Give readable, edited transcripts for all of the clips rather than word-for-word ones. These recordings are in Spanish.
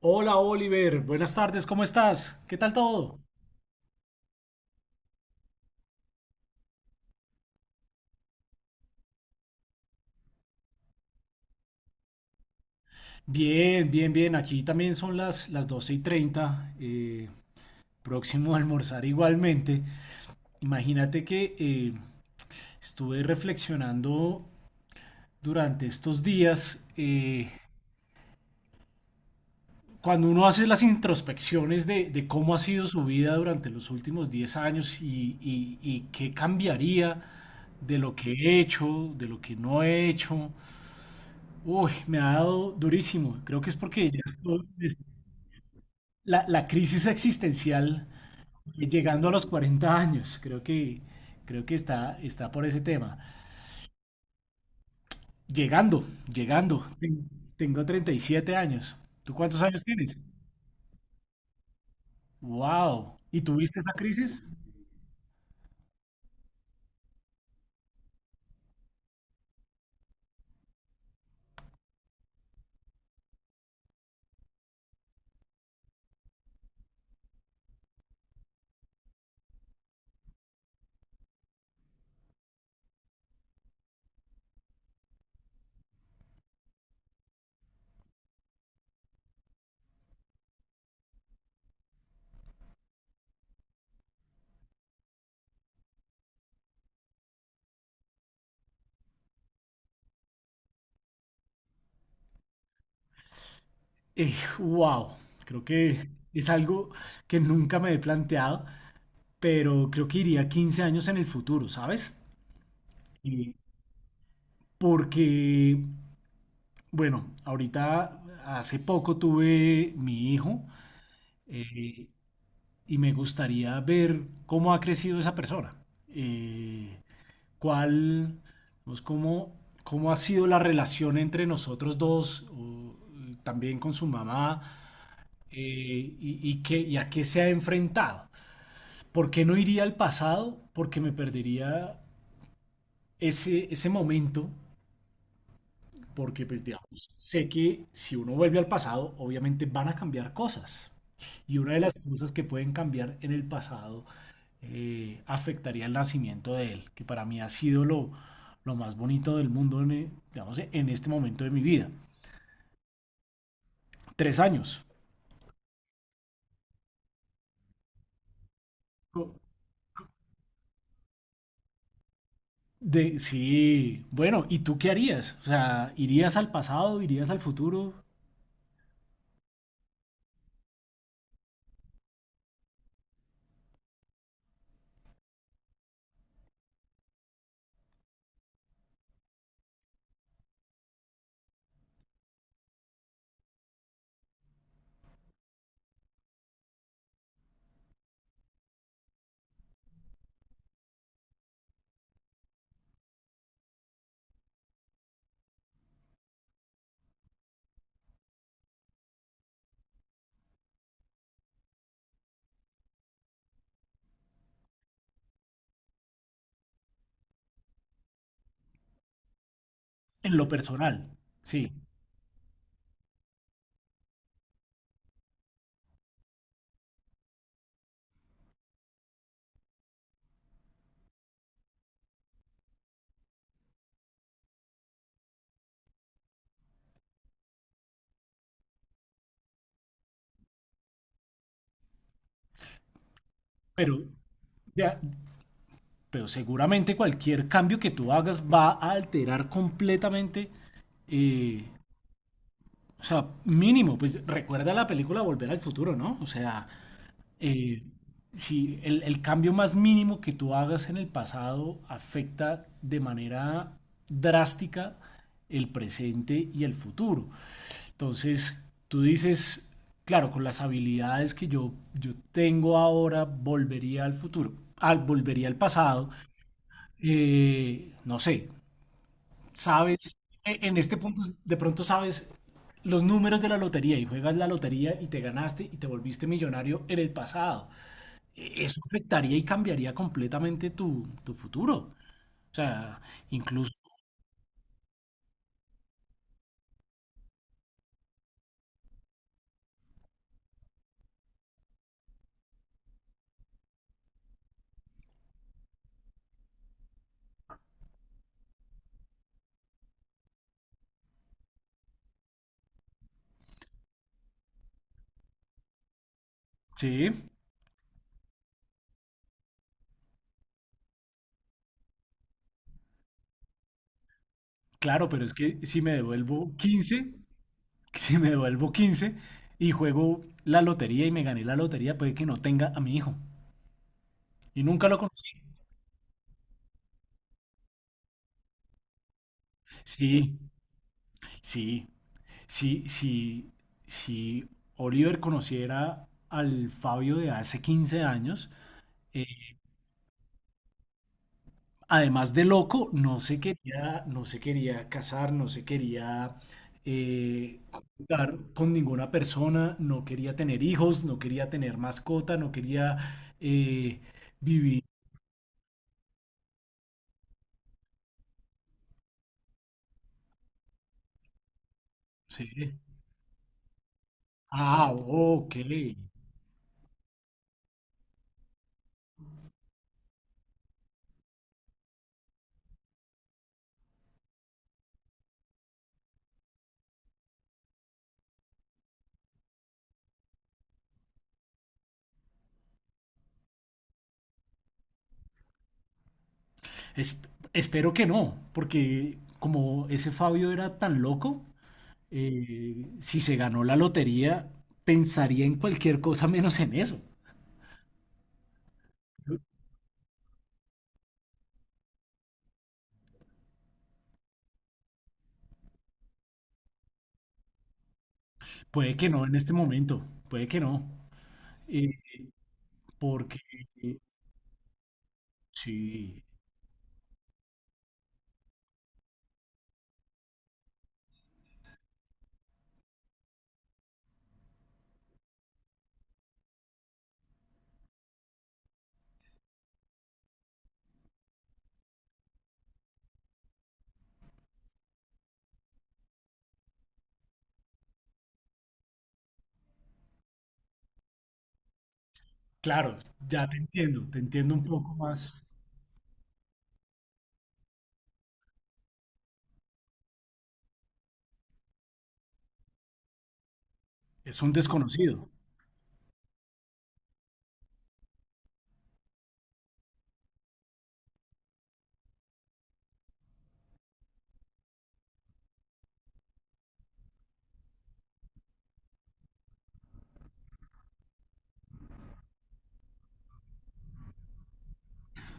Hola Oliver, buenas tardes, ¿cómo estás? ¿Qué tal todo? Bien, bien, bien, aquí también son las 12 y 30. Próximo a almorzar igualmente. Imagínate que estuve reflexionando durante estos días, cuando uno hace las introspecciones de cómo ha sido su vida durante los últimos 10 años y qué cambiaría de lo que he hecho, de lo que no he hecho. Uy, me ha dado durísimo. Creo que es porque ya estoy, la, la crisis existencial llegando a los 40 años. Creo que está por ese tema. Llegando, llegando. Tengo 37 años. ¿Tú cuántos años tienes? Wow. ¿Y tuviste esa crisis? Eh, wow. Creo que es algo que nunca me he planteado, pero creo que iría 15 años en el futuro, ¿sabes? Eh, porque Bueno, ahorita hace poco tuve mi hijo eh, y me gustaría ver cómo ha crecido esa persona. Eh, cuál, pues, cómo ha sido la relación entre nosotros dos, o también con su mamá, y y a qué se ha enfrentado. ¿Por qué no iría al pasado? Porque me perdería ese momento, porque pues digamos, sé que si uno vuelve al pasado, obviamente van a cambiar cosas. Y una de las cosas que pueden cambiar en el pasado afectaría el nacimiento de él, que para mí ha sido lo más bonito del mundo en, digamos, en este momento de mi vida. Tres años. De, sí, bueno, ¿y tú qué harías? O sea, ¿irías al pasado, irías al futuro? En lo personal, sí, pero, ya- pero seguramente cualquier cambio que tú hagas va a alterar completamente eh, o sea, mínimo, pues recuerda la película Volver al Futuro, ¿no? O sea, eh, si el cambio más mínimo que tú hagas en el pasado afecta de manera drástica el presente y el futuro. Entonces, tú dices, claro, con las habilidades que yo tengo ahora, volvería al futuro, volvería al pasado, no sé, sabes, en este punto de pronto sabes los números de la lotería y juegas la lotería y te ganaste y te volviste millonario en el pasado. Eso afectaría y cambiaría completamente tu futuro. O sea, incluso, sí, claro, pero es que si me devuelvo 15, si me devuelvo 15 y juego la lotería y me gané la lotería, puede que no tenga a mi hijo. Y nunca lo conocí. Sí, sí. Si, si, si Oliver conociera al Fabio de hace 15 años, eh, además de loco, no se quería casar, no se quería eh, juntar con ninguna persona, no quería tener hijos, no quería tener mascota, no quería eh, vivir. Sí. Ah, ok. Es- Espero que no, porque como ese Fabio era tan loco, eh, si se ganó la lotería, pensaría en cualquier cosa menos en eso. Puede que no en este momento, puede que no. eh, porque, eh, sí, claro, ya te entiendo un poco más. Es un desconocido.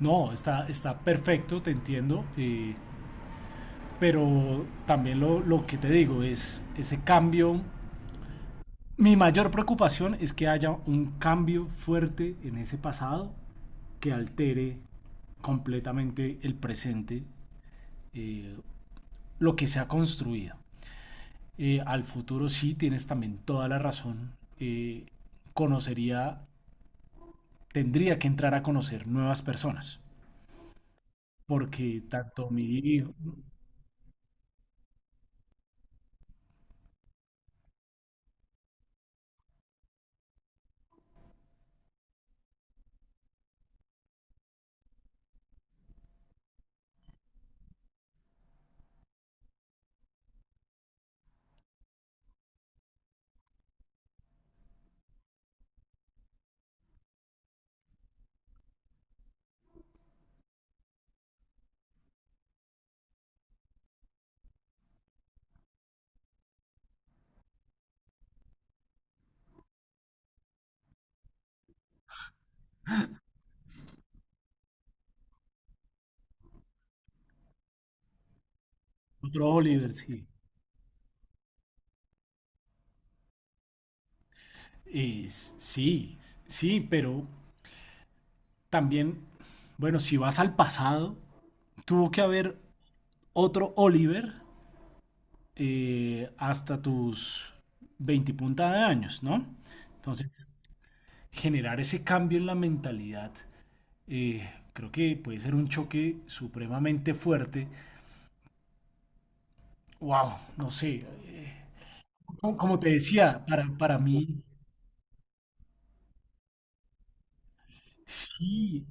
No, está, está perfecto, te entiendo. Pero también lo que te digo es ese cambio. Mi mayor preocupación es que haya un cambio fuerte en ese pasado que altere completamente el presente, eh, lo que se ha construido. Al futuro sí tienes también toda la razón. Conocería, tendría que entrar a conocer nuevas personas, porque tanto mi hijo, otro Oliver, sí. Eh, sí, sí, pero también, bueno, si vas al pasado, tuvo que haber otro Oliver hasta tus 20 punta de años, ¿no? Entonces, generar ese cambio en la mentalidad, creo que puede ser un choque supremamente fuerte. Wow, no sé. Como, como te decía, para mí, sí,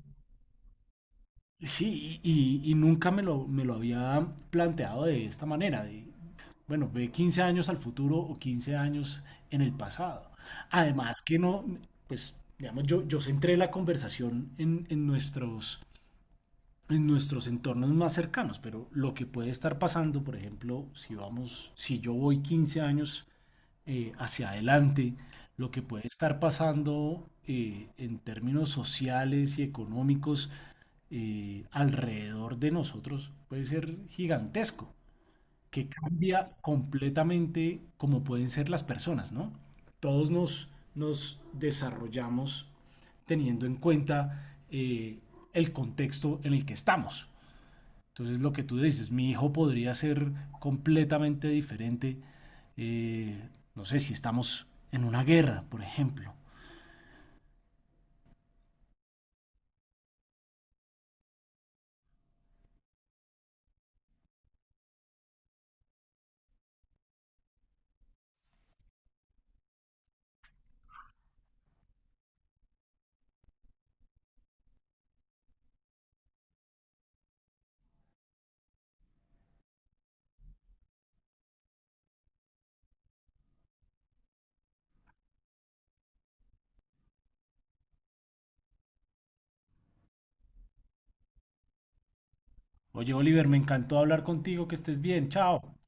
sí, y nunca me me lo había planteado de esta manera, de, bueno, ve 15 años al futuro o 15 años en el pasado. Además que no, pues, digamos, yo centré la conversación en nuestros entornos más cercanos, pero lo que puede estar pasando, por ejemplo, si yo voy 15 años hacia adelante, lo que puede estar pasando en términos sociales y económicos alrededor de nosotros puede ser gigantesco, que cambia completamente cómo pueden ser las personas, ¿no? Todos nos, nos desarrollamos teniendo en cuenta el contexto en el que estamos. Entonces lo que tú dices, mi hijo podría ser completamente diferente, eh, no sé si estamos en una guerra, por ejemplo. Oye, Oliver, me encantó hablar contigo, que estés bien, chao.